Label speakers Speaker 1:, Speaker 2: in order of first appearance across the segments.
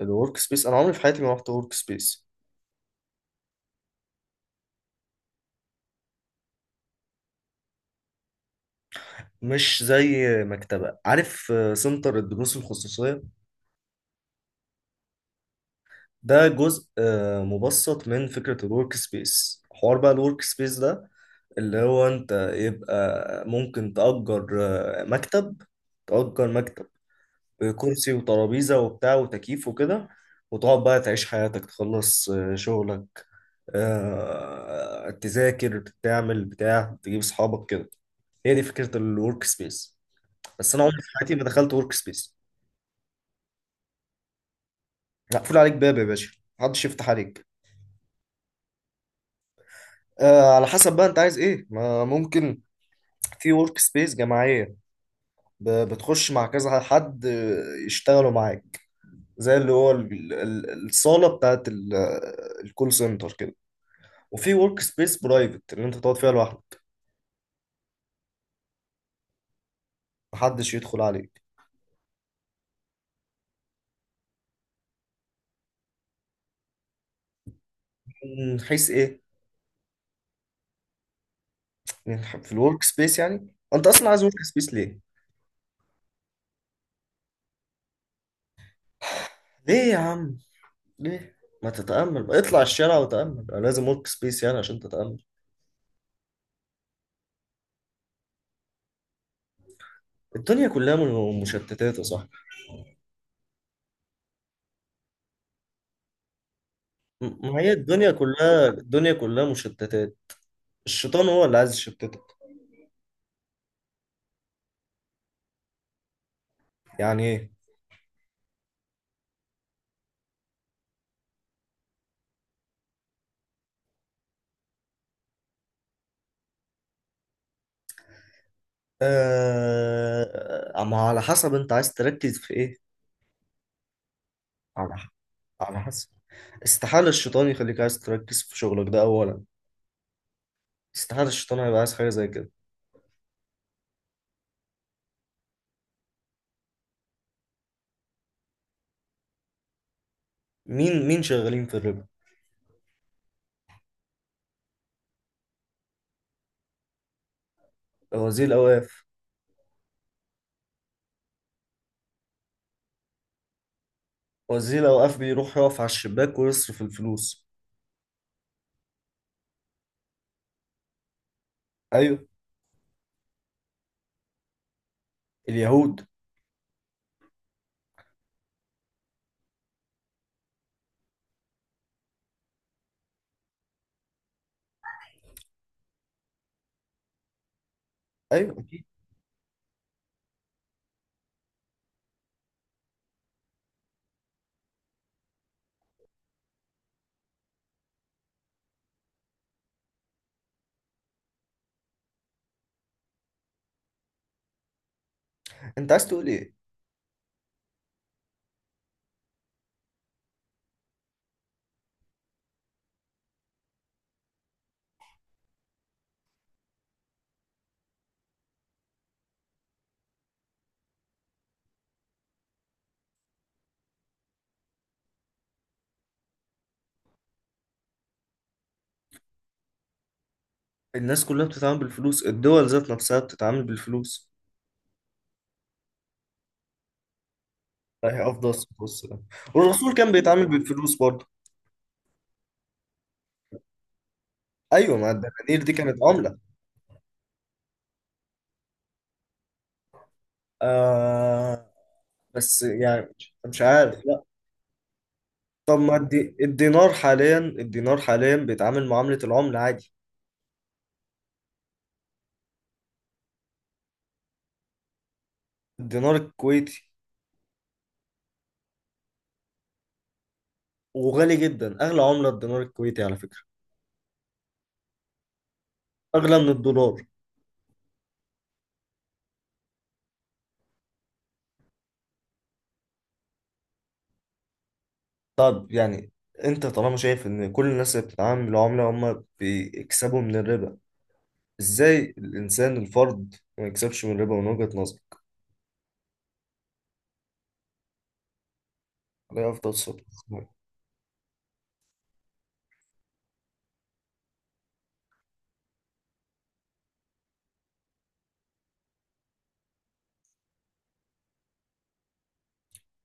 Speaker 1: الورك سبيس انا عمري في حياتي ما رحت ورك سبيس. مش زي مكتبه، عارف، سنتر الدروس الخصوصيه ده جزء مبسط من فكره الورك سبيس. حوار بقى الورك سبيس ده اللي هو انت يبقى ممكن تأجر مكتب. تأجر مكتب، كرسي وترابيزة وبتاع وتكييف وكده، وتقعد بقى تعيش حياتك، تخلص شغلك، تذاكر، تعمل بتاع، تجيب صحابك كده. هي دي فكرة الورك سبيس، بس انا عمري في حياتي ما دخلت ورك سبيس. مقفول عليك باب يا باشا، محدش يفتح عليك. آه، على حسب بقى انت عايز ايه، ما ممكن في ورك سبيس جماعيه، بتخش مع كذا حد يشتغلوا معاك، زي اللي هو الصاله بتاعت الكول سنتر كده. وفي ورك سبيس برايفت اللي انت تقعد فيها لوحدك، محدش يدخل عليك. من حيث ايه؟ في الورك سبيس يعني، انت اصلا عايز ورك سبيس ليه؟ ليه يا عم؟ ليه؟ ما تتأمل بقى. اطلع الشارع وتأمل، أنا لازم ورك سبيس يعني عشان تتأمل؟ الدنيا كلها مشتتات يا صاحبي. ما هي الدنيا كلها، الدنيا كلها مشتتات. الشيطان هو اللي عايز يشتتك. يعني ايه؟ ما على حسب انت عايز تركز في ايه. على ح- على حسب. استحالة الشيطان يخليك عايز تركز في شغلك ده أولا، استحالة الشيطان هيبقى عايز حاجة زي كده. مين، مين شغالين في الربا؟ وزير الأوقاف. وزير الأوقاف بيروح يقف على الشباك ويصرف الفلوس. أيوه. اليهود. ايوه اكيد. انت عايز تقول ايه؟ الناس كلها بتتعامل بالفلوس، الدول ذات نفسها بتتعامل بالفلوس. هي افضل الصوت ده. والرسول كان بيتعامل بالفلوس برضه. ايوه، ما الدنانير دي كانت عملة. آه، بس يعني مش عارف، لا. طب ما الدي... الدينار حاليا، الدينار حاليا بيتعامل معاملة العملة عادي. الدينار الكويتي. وغالي جدا، اغلى عملة الدينار الكويتي على فكرة. اغلى من الدولار. طب يعني انت طالما شايف ان كل الناس اللي بتتعامل بالعملة هم بيكسبوا من الربا، ازاي الانسان الفرد ما يكسبش من الربا من وجهة نظرك؟ عليه افضل الصلاه والسلام.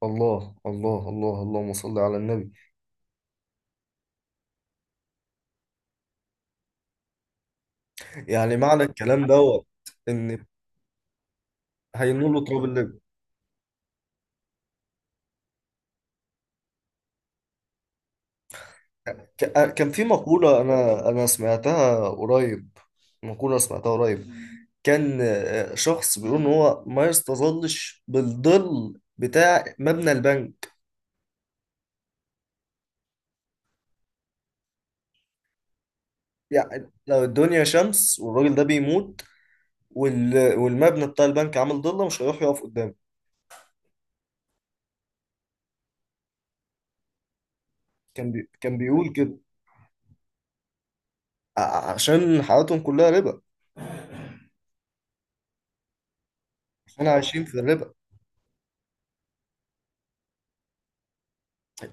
Speaker 1: الله الله الله، اللهم صل على النبي. يعني معنى الكلام دوت ان هينول له تراب الربا. كان في مقوله انا سمعتها قريب، مقوله سمعتها قريب. كان شخص بيقول ان هو ما يستظلش بالظل بتاع مبنى البنك. يعني لو الدنيا شمس والراجل ده بيموت، والمبنى بتاع البنك عامل ضلة، مش هيروح يقف قدامه. كان بيقول كده، عشان حياتهم كلها ربا. احنا اه عايشين في الربا.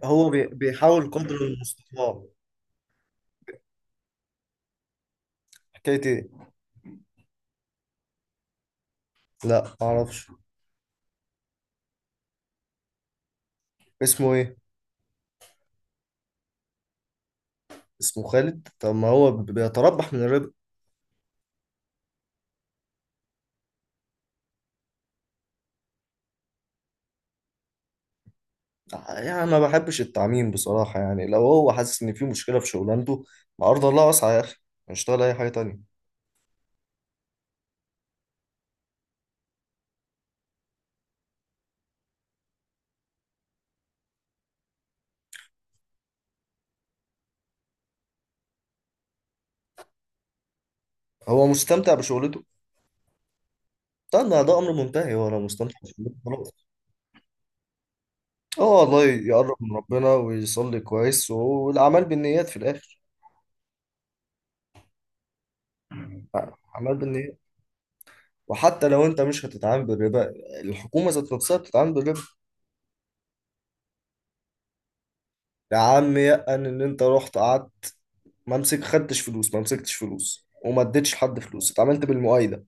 Speaker 1: هو بيحاول قدر المستطاع. حكاية ايه؟ لا، معرفش. اسمه ايه؟ اسمه خالد؟ طب ما هو بيتربح من الربا. يعني ما بحبش التعميم بصراحة. يعني لو هو حاسس ان في مشكلة في شغلانته، ما ارض الله واسعة يا اخي، ما يشتغل اي حاجة تانية. هو مستمتع بشغلته. استنى، ده امر منتهي، هو لو مستمتع بشغلته خلاص. اه والله، يقرب من ربنا ويصلي كويس، والاعمال بالنيات في الاخر. اعمال بالنيات. وحتى لو انت مش هتتعامل بالربا، الحكومه ذات نفسها بتتعامل بالربا. يا عم يأن ان انت رحت قعدت، ما مسك خدتش فلوس، ما مسكتش فلوس وما اديتش لحد فلوس، اتعاملت بالمؤايده.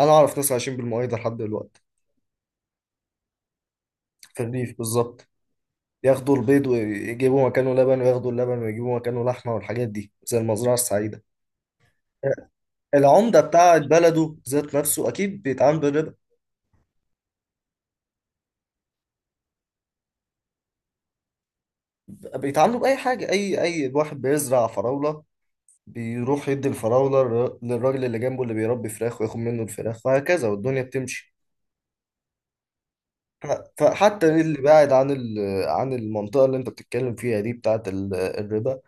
Speaker 1: انا اعرف ناس عايشين بالمؤايده لحد دلوقتي. في الريف بالظبط. ياخدوا البيض ويجيبوا مكانه لبن، وياخدوا اللبن ويجيبوا مكانه لحمه، والحاجات دي زي المزرعه السعيده. العمده بتاعت بلده ذات نفسه اكيد بيتعامل بالربا. بيتعاملوا باي حاجه. اي واحد بيزرع فراوله، بيروح يدي الفراولة للراجل اللي جنبه اللي بيربي فراخ وياخد منه الفراخ، وهكذا والدنيا بتمشي. فحتى اللي بعد عن عن المنطقة اللي انت بتتكلم فيها دي بتاعة الربا،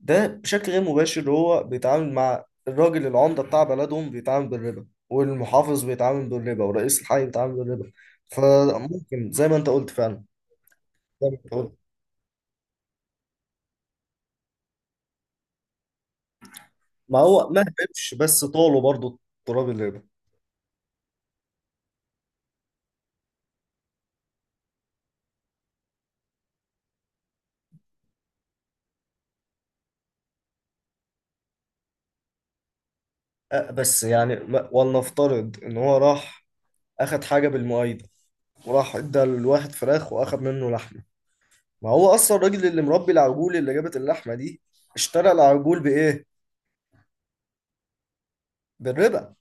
Speaker 1: ده بشكل غير مباشر هو بيتعامل مع الراجل. العمدة بتاع بلدهم بيتعامل بالربا، والمحافظ بيتعامل بالربا، ورئيس الحي بيتعامل بالربا. فممكن زي ما انت قلت فعلا، زي ما انت قلت، ما هو ما هبش بس طاله برضه تراب الربا. أه، بس يعني ولنفترض ان هو راح اخد حاجة بالمؤيد، وراح ادى الواحد فراخ واخد منه لحمه. ما هو اصلا الراجل اللي مربي العجول اللي جابت اللحمه دي اشترى العجول بايه؟ بالربا.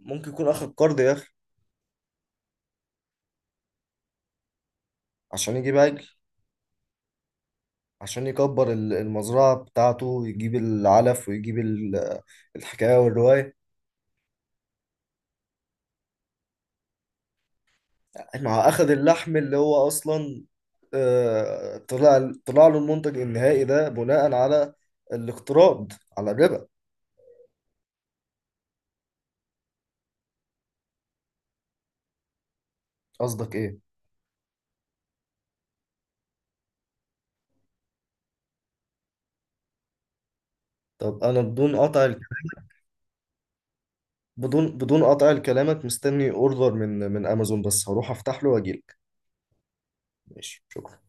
Speaker 1: ممكن يكون اخد قرض يا اخي عشان يجيب عجل، عشان يكبر المزرعه بتاعته، يجيب العلف ويجيب الحكايه والروايه. مع اخد اللحم اللي هو اصلا طلع، طلع له المنتج النهائي ده بناء على الاقتراض، على الربا. قصدك ايه؟ طب انا بدون قطع، بدون، بدون قطع كلامك، مستني اوردر من امازون، بس هروح افتح له واجيلك. ماشي، شكرا.